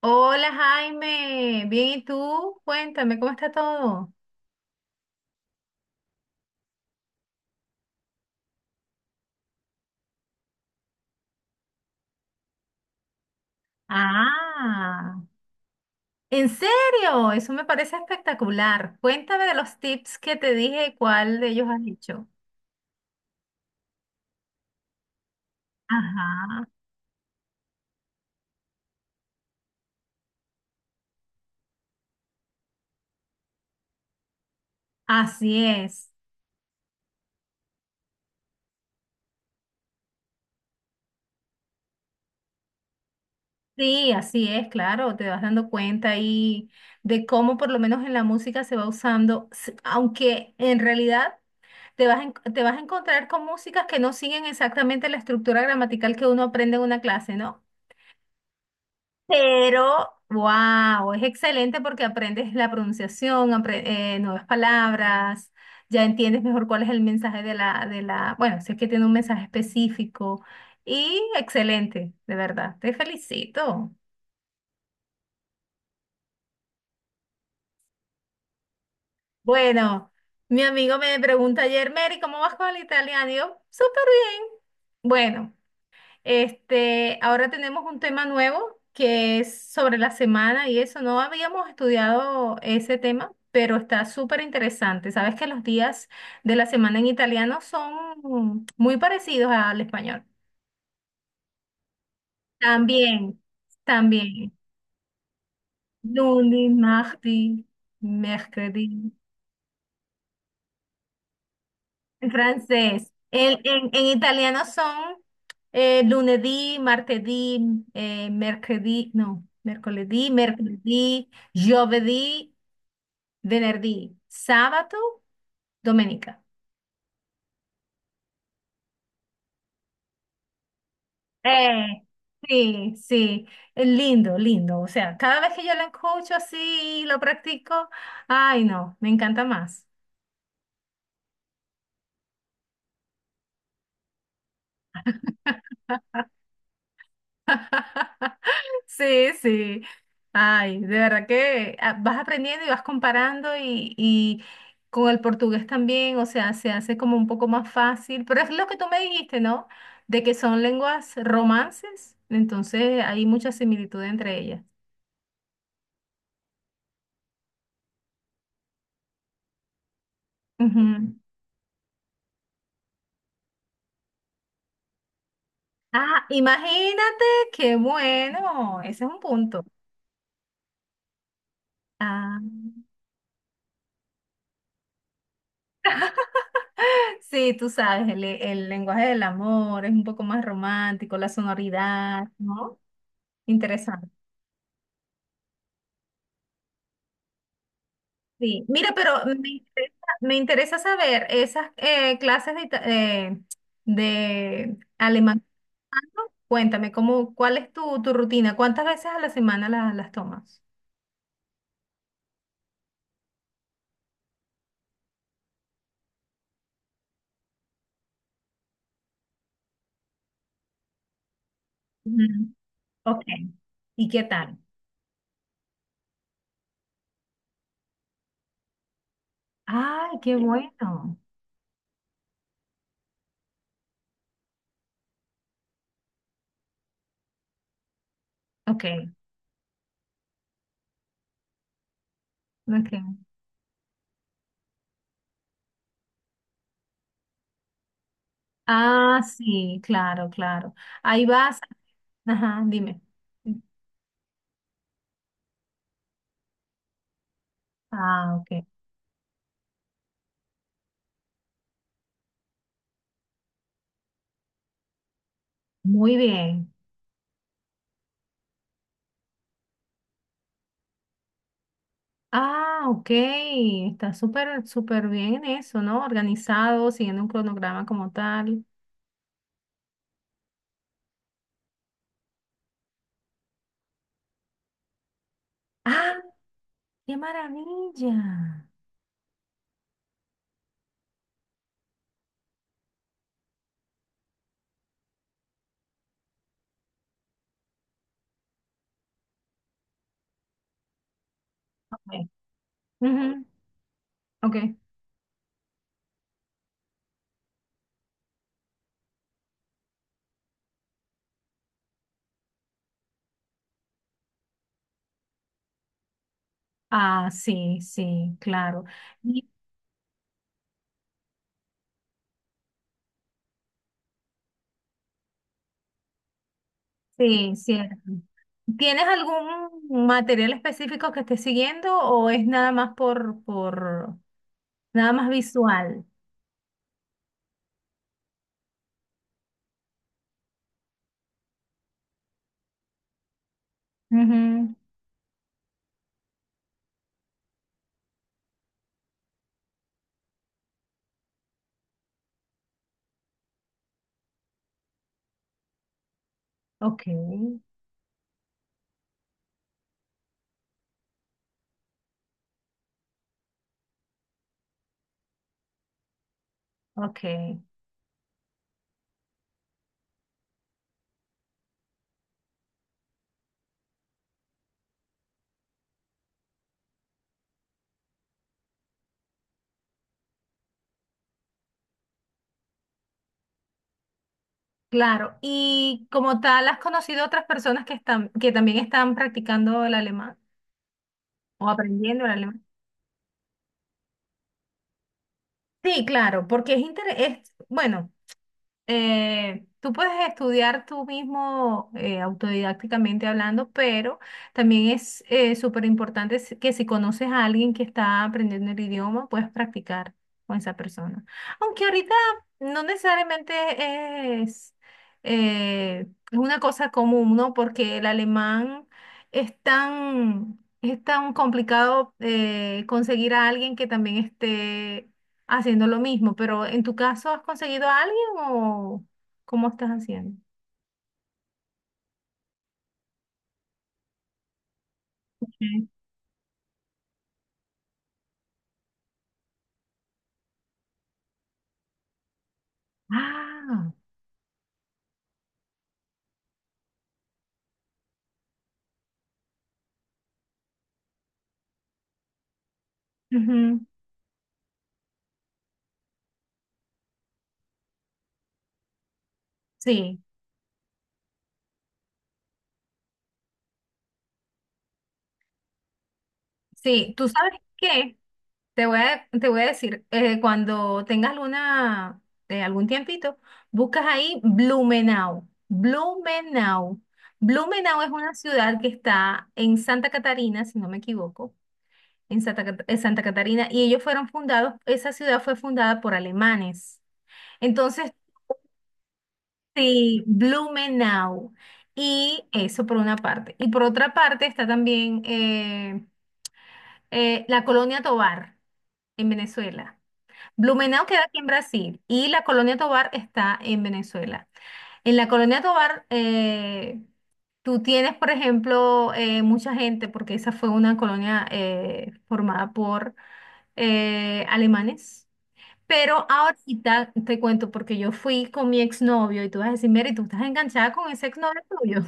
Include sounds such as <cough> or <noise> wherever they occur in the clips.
Hola Jaime, bien, ¿y tú? Cuéntame, ¿cómo está todo? Ah, ¿en serio? Eso me parece espectacular. Cuéntame de los tips que te dije cuál de ellos has hecho. Ajá, así es. Sí, así es, claro, te vas dando cuenta ahí de cómo por lo menos en la música se va usando, aunque en realidad te vas a encontrar con músicas que no siguen exactamente la estructura gramatical que uno aprende en una clase, ¿no? Pero, wow, es excelente porque aprendes la pronunciación, nuevas palabras, ya entiendes mejor cuál es el mensaje de la, bueno, si es que tiene un mensaje específico, y excelente, de verdad, te felicito. Bueno, mi amigo me pregunta ayer, Mary, ¿cómo vas con el italiano? Y yo, súper bien. Bueno. Ahora tenemos un tema nuevo que es sobre la semana y eso. No habíamos estudiado ese tema, pero está súper interesante. Sabes que los días de la semana en italiano son muy parecidos al español. También, también. Lunes, martes, mercredi. En francés. En italiano son lunedì, martedì, mercredì, no, mercoledì, giovedì, venerdì, sabato, domenica. Eh, sí, sí, es lindo, lindo. O sea, cada vez que yo lo escucho así y lo practico, ay, no, me encanta más. <laughs> Sí, sí. Ay, de verdad que vas aprendiendo y vas comparando y con el portugués también, o sea, se hace como un poco más fácil, pero es lo que tú me dijiste, ¿no? De que son lenguas romances, entonces hay mucha similitud entre ellas. Ujú. Ah, imagínate, qué bueno, ese es un punto. Ah, <laughs> sí, tú sabes, el lenguaje del amor es un poco más romántico, la sonoridad, ¿no? Interesante. Sí, mira, pero me interesa saber esas clases de, de alemán. Cuéntame, ¿cuál es tu rutina? ¿Cuántas veces a la semana las tomas? Ujú. Ok. ¿Y qué tal? Ay, qué bueno. Ok, ok. Ah, sí, claro, claro. Ahí vas. Ajá, dime. Ah, ok. Muy bien. Ah, ok. Está súper, súper bien eso, ¿no? Organizado, siguiendo un cronograma como tal. ¡Ah! ¡Qué maravilla! Ok. Ujú, ok. Ah, sí, sí, claro. Y- Sí, cierto. ¿Tienes algún material específico que estés siguiendo o es nada más nada más visual? Ujú, ok, ok. Claro, y como tal, ¿has conocido otras personas que están, que también están practicando el alemán o aprendiendo el alemán? Sí, claro, porque es, es bueno, tú puedes estudiar tú mismo autodidácticamente hablando, pero también es súper importante que si conoces a alguien que está aprendiendo el idioma, puedes practicar con esa persona. Aunque ahorita no necesariamente eh, es una cosa común, ¿no? Porque el alemán es tan... Es tan complicado conseguir a alguien que también esté haciendo lo mismo, pero en tu caso, ¿has conseguido a alguien o cómo estás haciendo? Sí. Ah, ujú, sí, sí, tú sabes qué, te voy a decir, cuando tengas alguna, algún tiempito, buscas ahí Blumenau, Blumenau. Blumenau es una ciudad que está en Santa Catarina, si no me equivoco, en en Santa Catarina, y ellos fueron fundados, esa ciudad fue fundada por alemanes. Entonces, sí, Blumenau. Y eso por una parte. Y por otra parte está también la Colonia Tovar en Venezuela. Blumenau queda aquí en Brasil y la Colonia Tovar está en Venezuela. En la Colonia Tovar tú tienes, por ejemplo, mucha gente, porque esa fue una colonia formada por alemanes, pero ahorita te cuento porque yo fui con mi exnovio y tú vas a decir, Mary, tú estás enganchada con ese exnovio tuyo.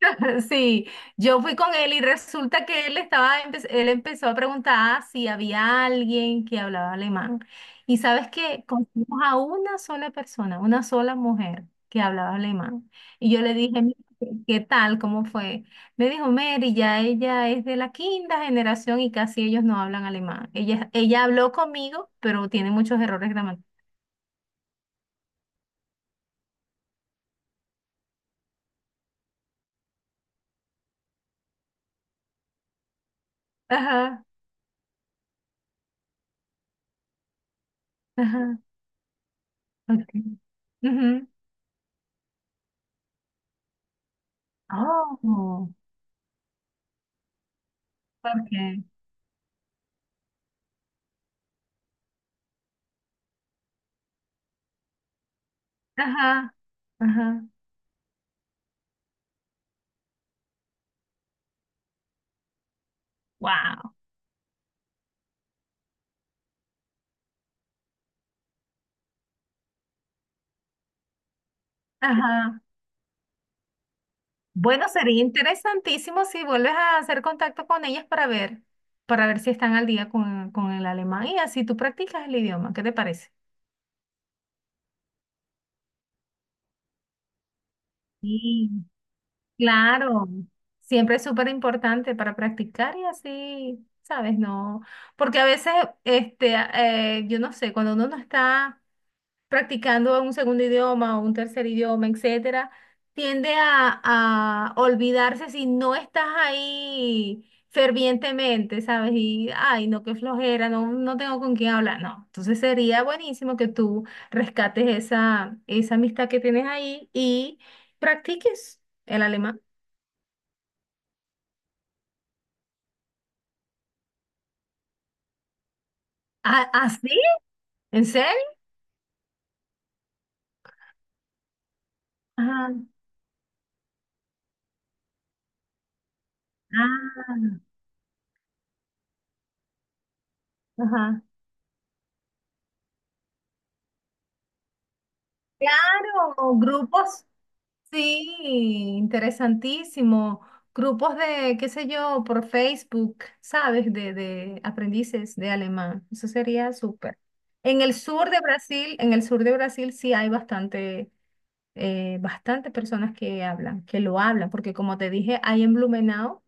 <laughs> Sí, yo fui con él y resulta que él estaba, él empezó a preguntar si había alguien que hablaba alemán. Y sabes que conocimos a una sola persona, una sola mujer que hablaba alemán. Y yo le dije, "Mira, ¿qué tal? ¿Cómo fue? Me dijo, Mary, ya ella es de la quinta generación y casi ellos no hablan alemán. Ella habló conmigo, pero tiene muchos errores. Ajá, ajá, ok. Ujú. Oh, ok. Ajá, ajá. Wow. Ajá. Bueno, sería interesantísimo si vuelves a hacer contacto con ellas para ver si están al día con el alemán y así tú practicas el idioma. ¿Qué te parece? Sí, claro. Siempre es súper importante para practicar y así, ¿sabes? No, porque a veces, yo no sé, cuando uno no está practicando un segundo idioma o un tercer idioma, etcétera, tiende a olvidarse si no estás ahí fervientemente, ¿sabes? Y, ay, no, qué flojera, no, no tengo con quién hablar, no. Entonces sería buenísimo que tú rescates esa amistad que tienes ahí y practiques el alemán. ¿Ah, ah, sí? ¿En serio? Ajá. Ah, ajá. Claro, grupos, sí, interesantísimo. Grupos de, qué sé yo, por Facebook, ¿sabes? De aprendices de alemán. Eso sería súper. En el sur de Brasil, en el sur de Brasil sí hay bastante, bastante personas que hablan, que lo hablan, porque como te dije, hay en Blumenau.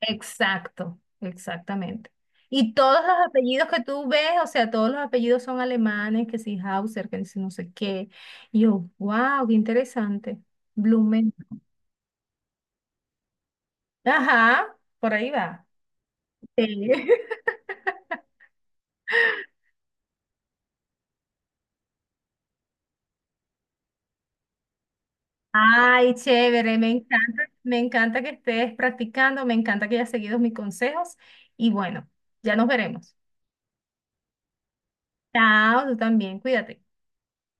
Exacto, exactamente. Y todos los apellidos que tú ves, o sea, todos los apellidos son alemanes, que si Hauser, que si no sé qué. Y yo, wow, qué interesante. Blumen. Ajá, por ahí va. Sí. <laughs> Ay, chévere, me encanta que estés practicando, me encanta que hayas seguido mis consejos y bueno, ya nos veremos. Chao, tú también, cuídate.